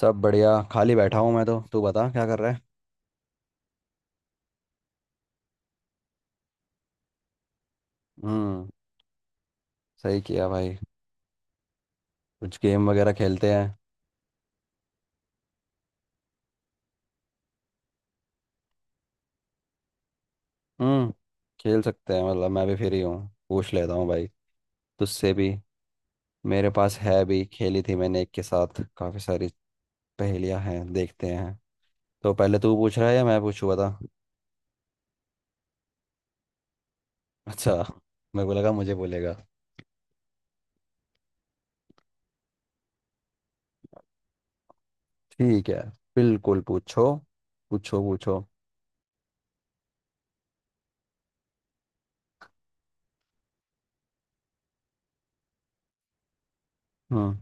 सब बढ़िया। खाली बैठा हूँ मैं तो। तू बता क्या कर रहा है। हम्म। सही किया भाई। कुछ गेम वगैरह खेलते हैं। हम्म। खेल सकते हैं, मतलब मैं भी फ्री हूँ। पूछ लेता हूँ भाई तुझसे भी। मेरे पास है भी, खेली थी मैंने एक के साथ। काफ़ी सारी पहेलियाँ हैं, देखते हैं। तो पहले तू पूछ रहा है या मैं पूछूँ, बता। अच्छा, मेरे को लगा मुझे बोलेगा। ठीक है, बिल्कुल पूछो। पूछो पूछो। हम्म।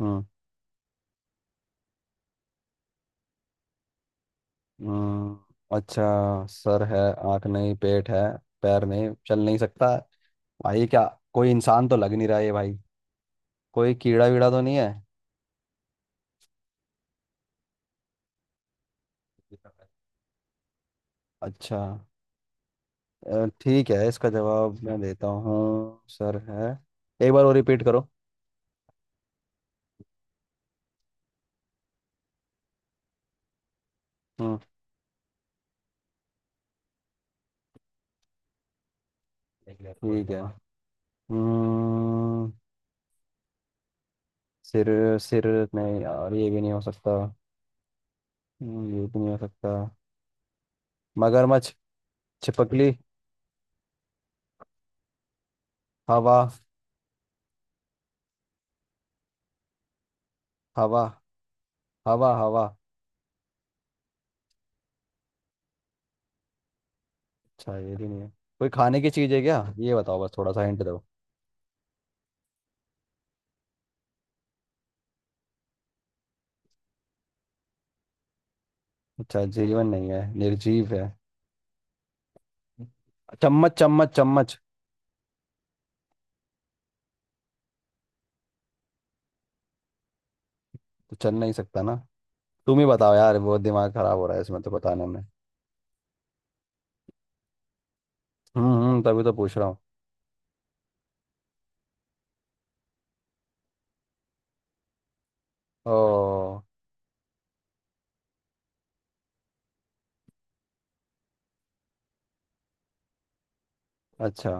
हम्म। हम्म, अच्छा। सर है, आँख नहीं, पेट है, पैर नहीं, चल नहीं सकता। भाई क्या, कोई इंसान तो लग नहीं रहा है भाई। कोई कीड़ा वीड़ा तो नहीं है। अच्छा, ठीक है, इसका जवाब मैं देता हूँ। सर है, एक बार और रिपीट करो। हम्म, ठीक है। हम्म। सिर। सिर। नहीं यार, ये भी नहीं हो सकता। ये भी नहीं हो सकता। मगरमच्छ। छिपकली। हवा। हवा। हवा। हवा। अच्छा, ये भी नहीं है। कोई खाने की चीज़ है क्या, ये बताओ, बस थोड़ा सा हिंट दो। अच्छा, जीवन नहीं है, निर्जीव है। चम्मच। चम्मच। चम्मच। तो चल नहीं सकता ना। तुम ही बताओ यार, बहुत दिमाग खराब हो रहा है इसमें तो, बताने में। हम्म, तभी तो पूछ रहा हूँ। ओ। अच्छा,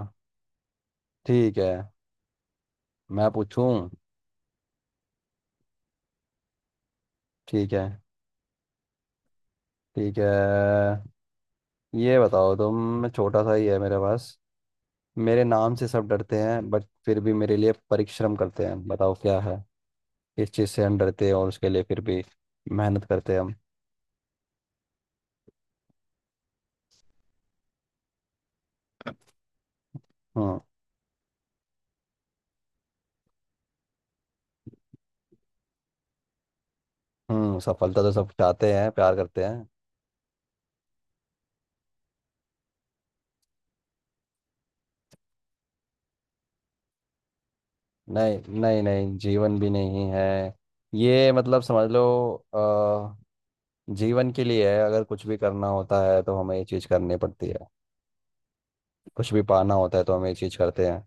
ठीक है। मैं पूछूं। ठीक है। ठीक है, ये बताओ, तुम, छोटा सा ही है मेरे पास। मेरे नाम से सब डरते हैं, बट फिर भी मेरे लिए परिश्रम करते हैं, बताओ क्या है। इस चीज़ से हम डरते हैं, और उसके लिए फिर भी मेहनत करते हैं हम। हम्म। हम्म, सफलता तो सब चाहते हैं, प्यार करते हैं। नहीं नहीं नहीं, जीवन भी नहीं है। ये मतलब समझ लो। अ, जीवन के लिए है, अगर कुछ भी करना होता है तो हमें ये चीज़ करनी पड़ती है। कुछ भी पाना होता है तो हमें ये चीज़ करते हैं।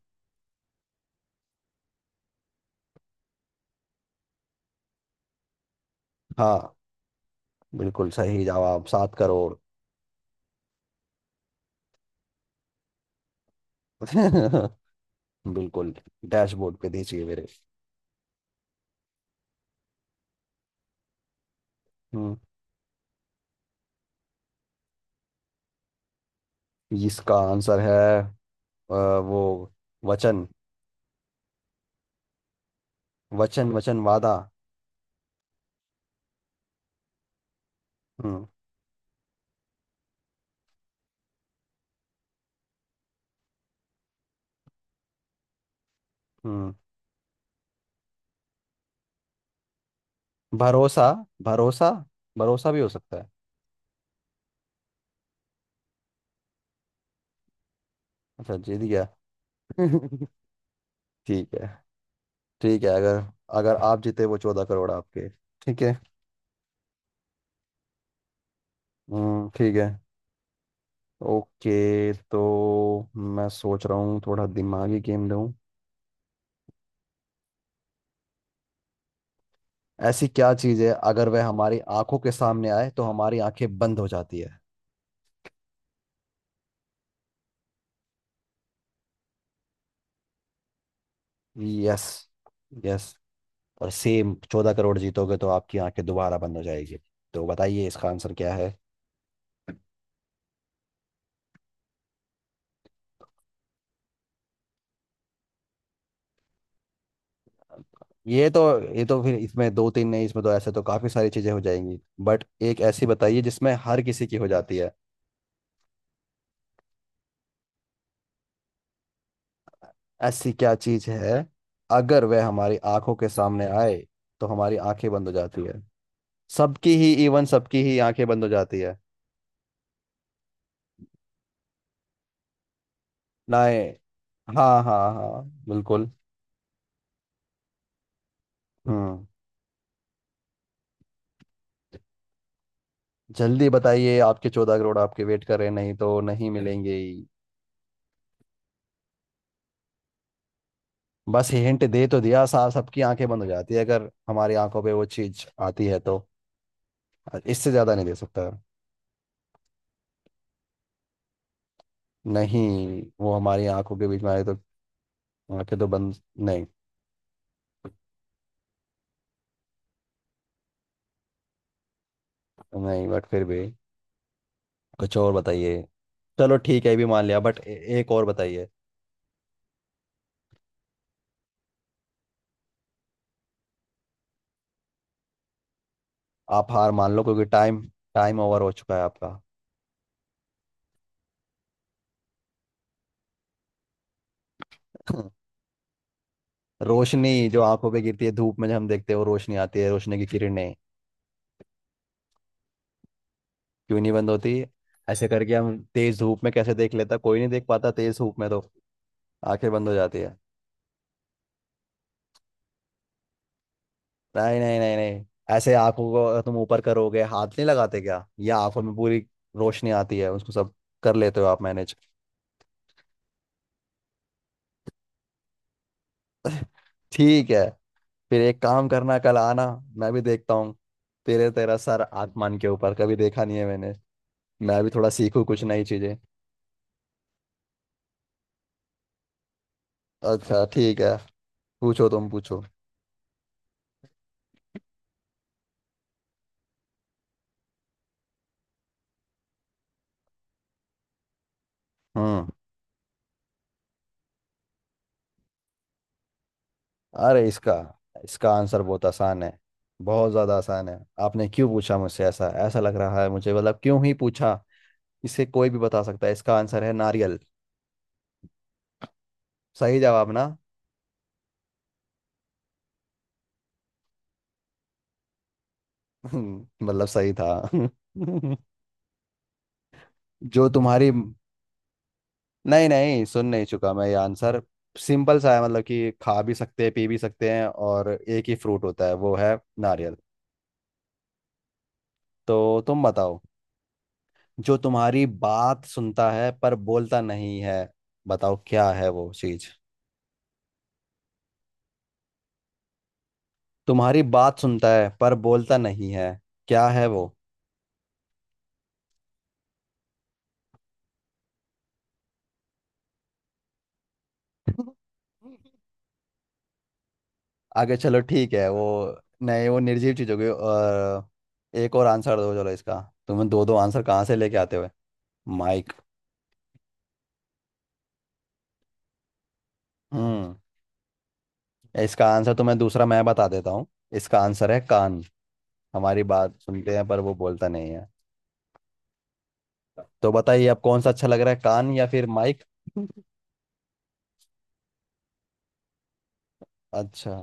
हाँ, बिल्कुल सही जवाब। 7 करोड़। बिल्कुल। डैशबोर्ड पे दीजिए मेरे। हम्म, इसका आंसर है, वो, वचन। वचन। वचन, वादा। हम्म। हम्म। भरोसा। भरोसा। भरोसा भी हो सकता है। अच्छा, जीत गया। ठीक है। ठीक है, अगर, अगर आप जीते, वो 14 करोड़ आपके। ठीक है। हम्म, ठीक है। ओके तो मैं सोच रहा हूँ थोड़ा दिमागी गेम दूँ। ऐसी क्या चीज़ है अगर वह हमारी आंखों के सामने आए तो हमारी आंखें बंद हो जाती है। यस। यस। और सेम, 14 करोड़ जीतोगे तो आपकी आंखें दोबारा बंद हो जाएगी। तो बताइए इसका आंसर क्या है। ये तो ये तो फिर इसमें दो तीन नहीं, इसमें तो ऐसे तो काफी सारी चीजें हो जाएंगी। बट एक ऐसी बताइए जिसमें हर किसी की हो जाती है। ऐसी क्या चीज है अगर वह हमारी आंखों के सामने आए तो हमारी आंखें बंद हो जाती है। सबकी ही, इवन सबकी ही आंखें बंद हो जाती है। नाए। हाँ हाँ हाँ, बिल्कुल। हम्म। जल्दी बताइए, आपके 14 करोड़ आपके वेट कर रहे हैं, नहीं तो नहीं मिलेंगे ही। बस हिंट दे तो दिया साहब, सबकी आंखें बंद हो जाती है अगर हमारी आंखों पे वो चीज आती है तो। इससे ज्यादा नहीं दे सकता। नहीं, वो हमारी आंखों के बीच में आए तो आंखें तो बंद। नहीं नहीं, बट फिर भी कुछ और बताइए। चलो ठीक है, ये भी मान लिया, बट एक और बताइए। आप हार मान लो क्योंकि टाइम, टाइम ओवर हो चुका है आपका। रोशनी, जो आंखों पे गिरती है धूप में, जब हम देखते हैं वो रोशनी आती है, रोशनी की किरणें। क्यों नहीं बंद होती। ऐसे करके हम तेज धूप में कैसे देख, लेता कोई नहीं, देख पाता तेज धूप में तो, आंखें बंद हो जाती है। नहीं नहीं नहीं नहीं। ऐसे आंखों को तुम ऊपर करोगे, हाथ नहीं लगाते क्या, या आंखों में पूरी रोशनी आती है उसको सब कर लेते हो आप मैनेज। ठीक है, फिर एक काम करना, कल आना, मैं भी देखता हूँ। तेरे तेरा सर आसमान के ऊपर कभी देखा नहीं है मैंने। मैं भी थोड़ा सीखूँ कुछ नई चीजें। अच्छा ठीक है, पूछो तुम, पूछो। हम्म। अरे इसका इसका आंसर बहुत आसान है, बहुत ज्यादा आसान है। आपने क्यों पूछा मुझसे, ऐसा ऐसा लग रहा है मुझे, मतलब क्यों ही पूछा। इसे कोई भी बता सकता है, इसका आंसर है नारियल। सही जवाब ना। मतलब सही था। जो तुम्हारी, नहीं नहीं, सुन नहीं चुका मैं ये आंसर। सिंपल सा है, मतलब कि खा भी सकते हैं, पी भी सकते हैं, और एक ही फ्रूट होता है वो है नारियल। तो तुम बताओ, जो तुम्हारी बात सुनता है पर बोलता नहीं है, बताओ क्या है वो चीज। तुम्हारी बात सुनता है पर बोलता नहीं है, क्या है वो। आगे चलो, ठीक है वो, नहीं वो निर्जीव चीज होगी, और एक और आंसर दो चलो इसका। तुम्हें दो दो आंसर कहाँ से लेके आते हुए। माइक। हम्म, इसका आंसर तुम्हें दूसरा मैं बता देता हूँ। इसका आंसर है कान, हमारी बात सुनते हैं पर वो बोलता नहीं है। तो बताइए अब कौन सा अच्छा लग रहा है, कान या फिर माइक। अच्छा,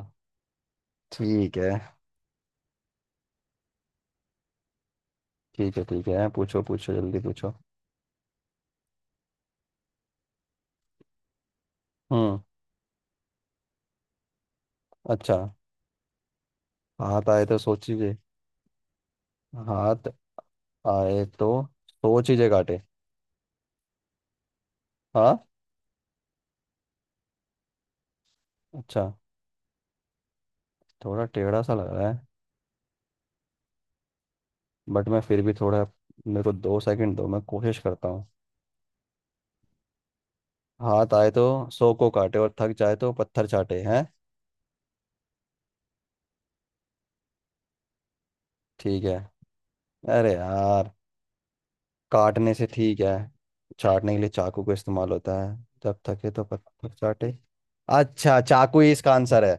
ठीक है। ठीक है, ठीक है, पूछो पूछो, जल्दी पूछो। हम्म। अच्छा, हाथ आए तो, सोचिए, हाथ आए तो 100 चीजें काटे, हाँ। अच्छा, थोड़ा टेढ़ा सा लग रहा है, बट मैं फिर भी थोड़ा, मेरे को 2 सेकंड दो, मैं कोशिश करता हूँ। हाथ आए तो 100 को काटे और थक जाए तो पत्थर चाटे हैं। ठीक है, अरे यार, काटने से ठीक है, चाटने के लिए, चाकू का इस्तेमाल होता है, जब थके तो पत्थर चाटे। अच्छा, चाकू ही इसका आंसर है,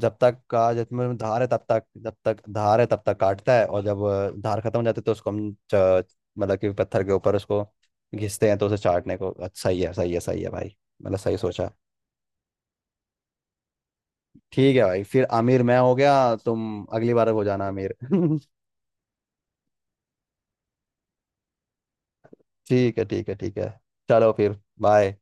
जब तक का जब में धार है तब तक, जब तक धार है तब तक काटता है, और जब धार खत्म हो जाती है तो उसको हम मतलब कि पत्थर के ऊपर उसको घिसते हैं, तो उसे चाटने को। अच्छा, सही है सही है सही है भाई, मतलब सही सोचा। ठीक है भाई, फिर आमिर मैं हो गया, तुम अगली बार हो जाना आमिर। ठीक है ठीक है ठीक है, चलो फिर बाय।